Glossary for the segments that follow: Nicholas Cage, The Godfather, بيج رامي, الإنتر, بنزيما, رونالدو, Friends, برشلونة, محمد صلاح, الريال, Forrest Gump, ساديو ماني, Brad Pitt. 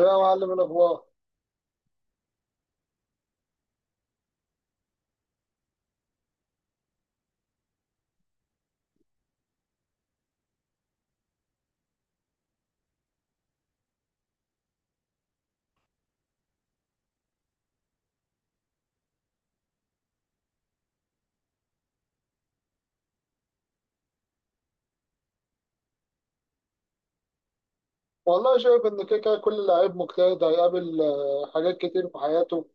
إيه يا معلم الاخبار. والله شايف ان كده كده كل لعيب مجتهد هيقابل حاجات كتير في حياته.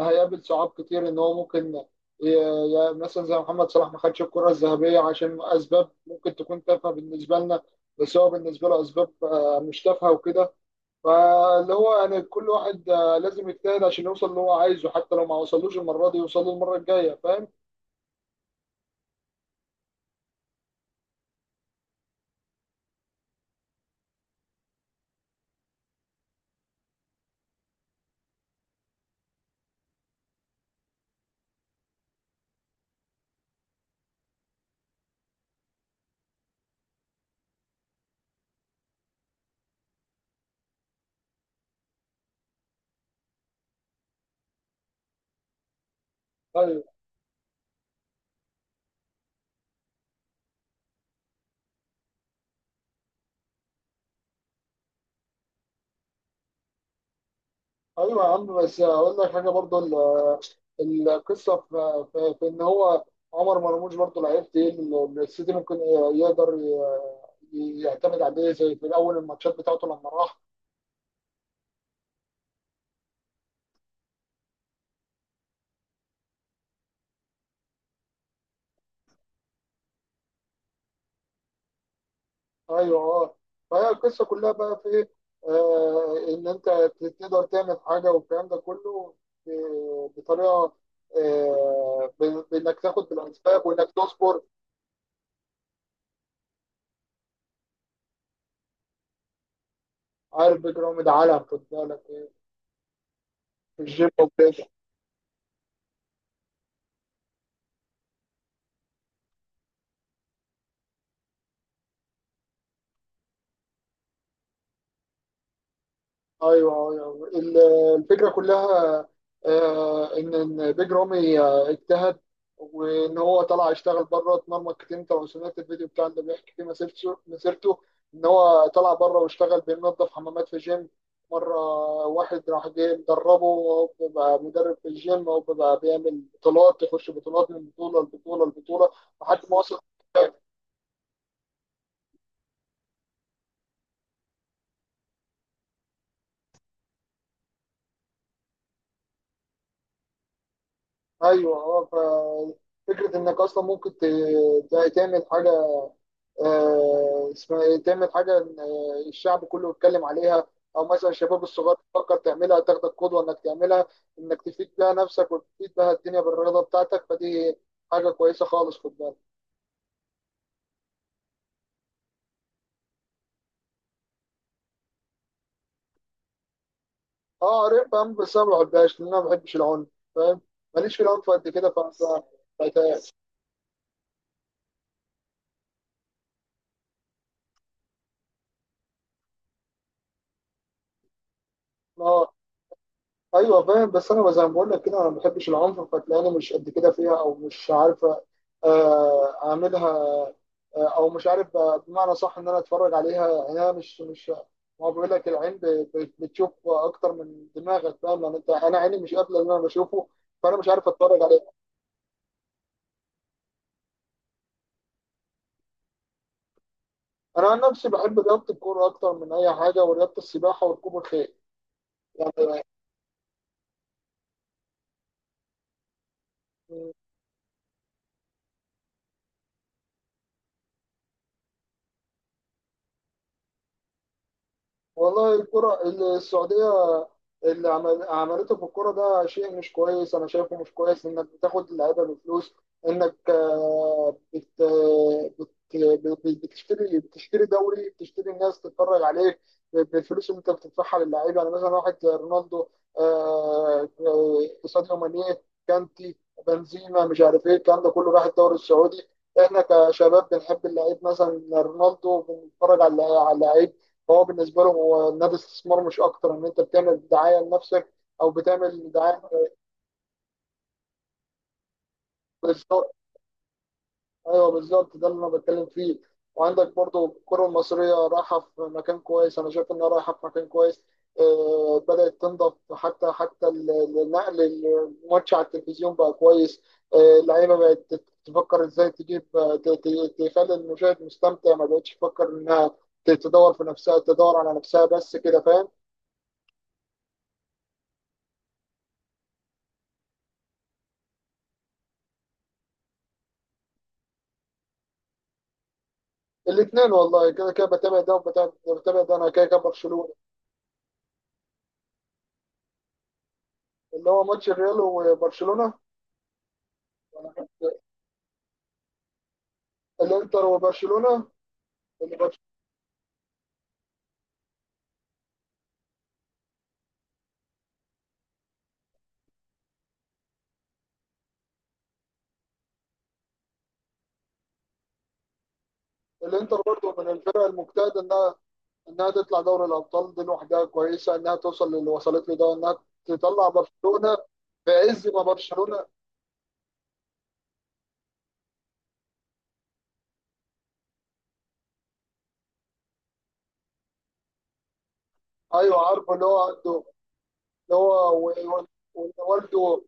هيقابل صعاب كتير ان هو ممكن مثلا زي محمد صلاح ما خدش الكرة الذهبية عشان اسباب ممكن تكون تافهة بالنسبة لنا، بس هو بالنسبة له اسباب مش تافهة وكده. فاللي هو يعني كل واحد لازم يجتهد عشان يوصل اللي هو عايزه، حتى لو ما وصلوش المرة دي يوصل له المرة الجاية، فاهم؟ ايوه. ايوه يا عم، بس اقول لك حاجة برضه. القصه في ان هو عمر مرموش برضه لعيب تقيل، السيتي ممكن يقدر يعتمد عليه زي في الاول الماتشات بتاعته لما راح. ايوه اه. فهي القصه كلها بقى في إيه؟ آه، ان انت تقدر تعمل حاجه والكلام ده كله بطريقه، بانك تاخد بالاسباب وانك تصبر. عارف بيجرام العالم، خد بالك إيه؟ في الجيم. ايوه ايوه. الفكره كلها ان إن بيج رامي اجتهد، وان هو طلع يشتغل بره اتمرمط كتير. انت لو سمعت الفيديو بتاع اللي بيحكي فيه مسيرته مسيرته. ان هو طلع بره واشتغل بينظف حمامات في جيم مره، واحد راح جاي مدربه، وهو بقى مدرب في الجيم، وهو بقى بيعمل بطولات، يخش بطولات من بطوله لبطوله لبطوله لحد ما وصل. ايوه اه. ففكره انك اصلا ممكن تعمل حاجه اسمها ايه، تعمل حاجه إن، آه، الشعب كله يتكلم عليها، او مثلا الشباب الصغير تفكر تعملها، تاخدك قدوه انك تعملها، انك تفيد بيها نفسك وتفيد بيها الدنيا بالرياضه بتاعتك، فدي حاجه كويسه خالص، خد بالك. اه قريب فاهم، بس انا ما بحبهاش لان انا ما بحبش العنف، فاهم. ماليش في العنف قد كده فت- اه. ايوه فاهم، بس انا زي ما بقول لك كده انا ما بحبش العنف، فتلاقيني مش قد كده فيها او مش عارف اعملها، او مش عارف بمعنى صح ان انا اتفرج عليها. يعني انا مش ما هو بيقول لك العين بتشوف اكتر من دماغك، فاهم يعني، انا عيني مش قابله اللي انا بشوفه، فانا مش عارف اتفرج عليه. انا عن نفسي بحب رياضه الكوره اكتر من اي حاجه، ورياضه السباحه وركوب الخيل. يعني والله الكرة السعودية اللي عمل عملته في الكرة ده شيء مش كويس. أنا شايفه مش كويس إنك بتاخد اللعيبة بفلوس، إنك بتشتري دوري، بتشتري الناس تتفرج عليك بالفلوس اللي أنت بتدفعها للعيبة. يعني مثلا واحد زي رونالدو، ساديو ماني، كانتي، بنزيما، مش عارف إيه الكلام ده كله، راح الدوري السعودي. إحنا كشباب بنحب اللعيب، مثلا رونالدو بنتفرج على اللعيب، فهو بالنسبه له هو النادي استثمار مش اكتر، ان انت بتعمل دعايه لنفسك او بتعمل دعايه. بالظبط. ايوه بالظبط ده اللي انا بتكلم فيه. وعندك برضو الكره المصريه رايحه في مكان كويس، انا شايف انها رايحه في مكان كويس، بدات تنضف، حتى النقل، الماتش على التلفزيون بقى كويس، اللعيبه بقت تفكر ازاي تجيب تخلي المشاهد مستمتع، ما بقتش تفكر انها تدور في نفسها تدور على نفسها بس، كده فاهم. الاثنين، والله كده كده بتابع ده وبتابع، بتابع ده. انا كده كده برشلونه. اللي هو ماتش الريال وبرشلونه. الانتر وبرشلونه. البرش- الانتر برضه من الفرق المجتهده، انها انها تطلع دوري الابطال دي لوحدها كويسه، انها توصل للي وصلت له ده، انها تطلع برشلونه في عز ما برشلونه. ايوه عارفه اللي هو عنده، اللي هو و- وإن والده،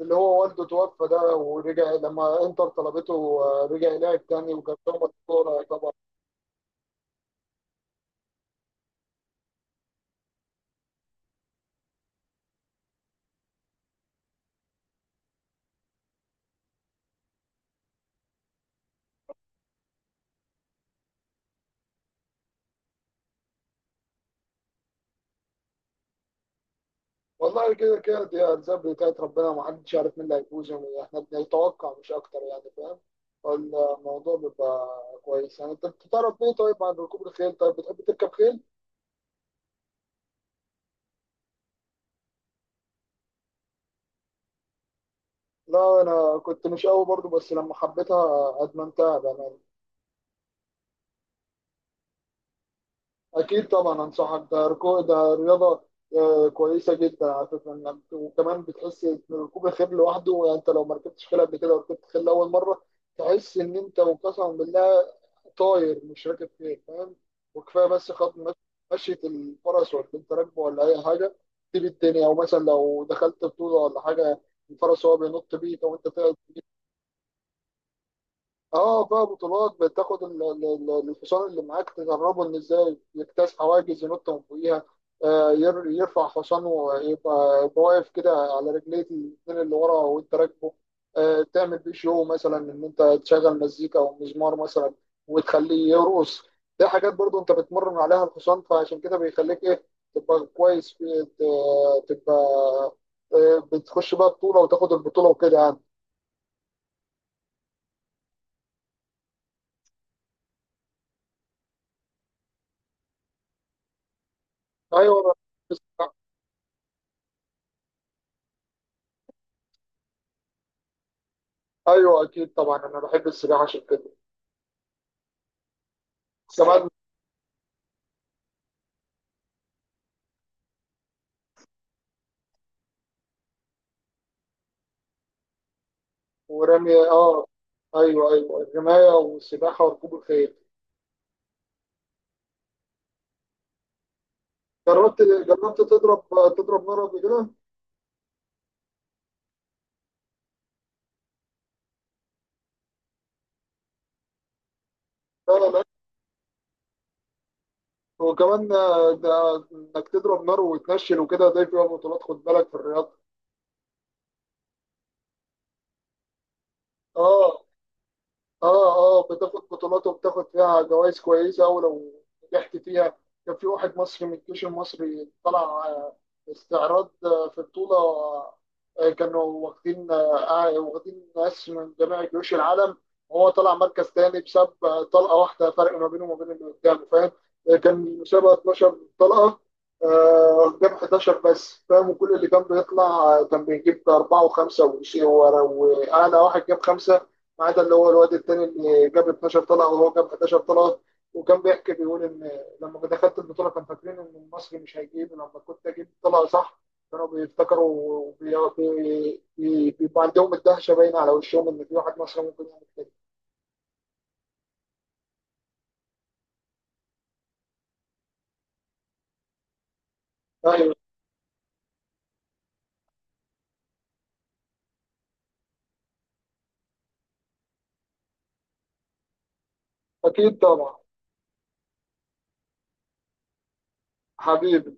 اللي هو والده توفى ده، ورجع لما انتر طلبته رجع لعب تاني وجاب لهم الكوره. والله كده كده دي أرزاق بتاعت ربنا، ما حدش يعرف مين اللي هيفوز، يعني احنا بنتوقع مش أكتر، يعني فاهم. فالموضوع بيبقى كويس. يعني أنت بتتعرف إيه، طيب، عن ركوب الخيل، طيب بتحب تركب خيل؟ لا أنا كنت مش قوي برضو بس لما حبيتها أدمنتها بأمانة. أكيد طبعا أنصحك، ده ركوب ده رياضة كويسة جدا على فكرة. وكمان بتحس إن ركوب الخيل لوحده، يعني أنت لو ما ركبتش خيل قبل كده وركبت خيل أول مرة تحس إن أنت، وقسما بالله، طاير مش راكب، فين فاهم. وكفايه بس خط مش- مشية الفرس، ولا انت راكبه ولا اي حاجه تسيب الدنيا، او مثلا لو دخلت بطوله ولا حاجه الفرس هو بينط بيك او انت. اه بقى بطولات، بتاخد الحصان اللي معاك تدربه ان ازاي يجتاز حواجز، ينط من فوقيها، يرفع حصانه ويبقى واقف كده على رجليه الاتنين اللي ورا وانت راكبه، تعمل بيه شو مثلا ان انت تشغل مزيكا او مزمار مثلا وتخليه يرقص. دي حاجات برضو انت بتمرن عليها الحصان، فعشان كده بيخليك ايه، تبقى كويس في تبقى بتخش بقى بطولة وتاخد البطولة وكده، يعني. ايوه ايوه اكيد طبعا انا بحب السباحه عشان كده كمان. ورمي اه. ايوه ايوه، الرمايه والسباحه وركوب الخيل. جربت تضرب، تضرب نار قبل كده؟ لا لا. وكمان ده انك تضرب نار وتنشل وكده ده فيها بطولات، خد بالك، في الرياضه. اه. اه اه بتاخد بطولات وبتاخد فيها جوائز كويسه ولو نجحت فيها. كان في واحد مصري من الجيش المصري طلع استعراض في بطوله، كانوا واخدين واخدين ناس من جميع جيوش العالم، وهو طلع مركز تاني بسبب طلقه واحده فرق ما بينه وما بين اللي قدامه، فاهم. كان المسابقه 12 طلقه قدام 11 بس، فاهم، وكل اللي كان بيطلع كان بيجيب اربعه وخمسه واعلى واحد جاب خمسه، ما عدا اللي هو الواد التاني اللي جاب 12 طلعه وهو جاب 11 طلعه. وكان بيحكي بيقول ان لما دخلت البطوله كان فاكرين ان المصري مش هيجيب، لما كنت اجيب طلعه صح كانوا بيفتكروا، وبي- بيبقى عندهم الدهشه باينه على وشهم ان في واحد مصري ممكن يعمل كده. ايوه اكيد طبعا. حبيبي.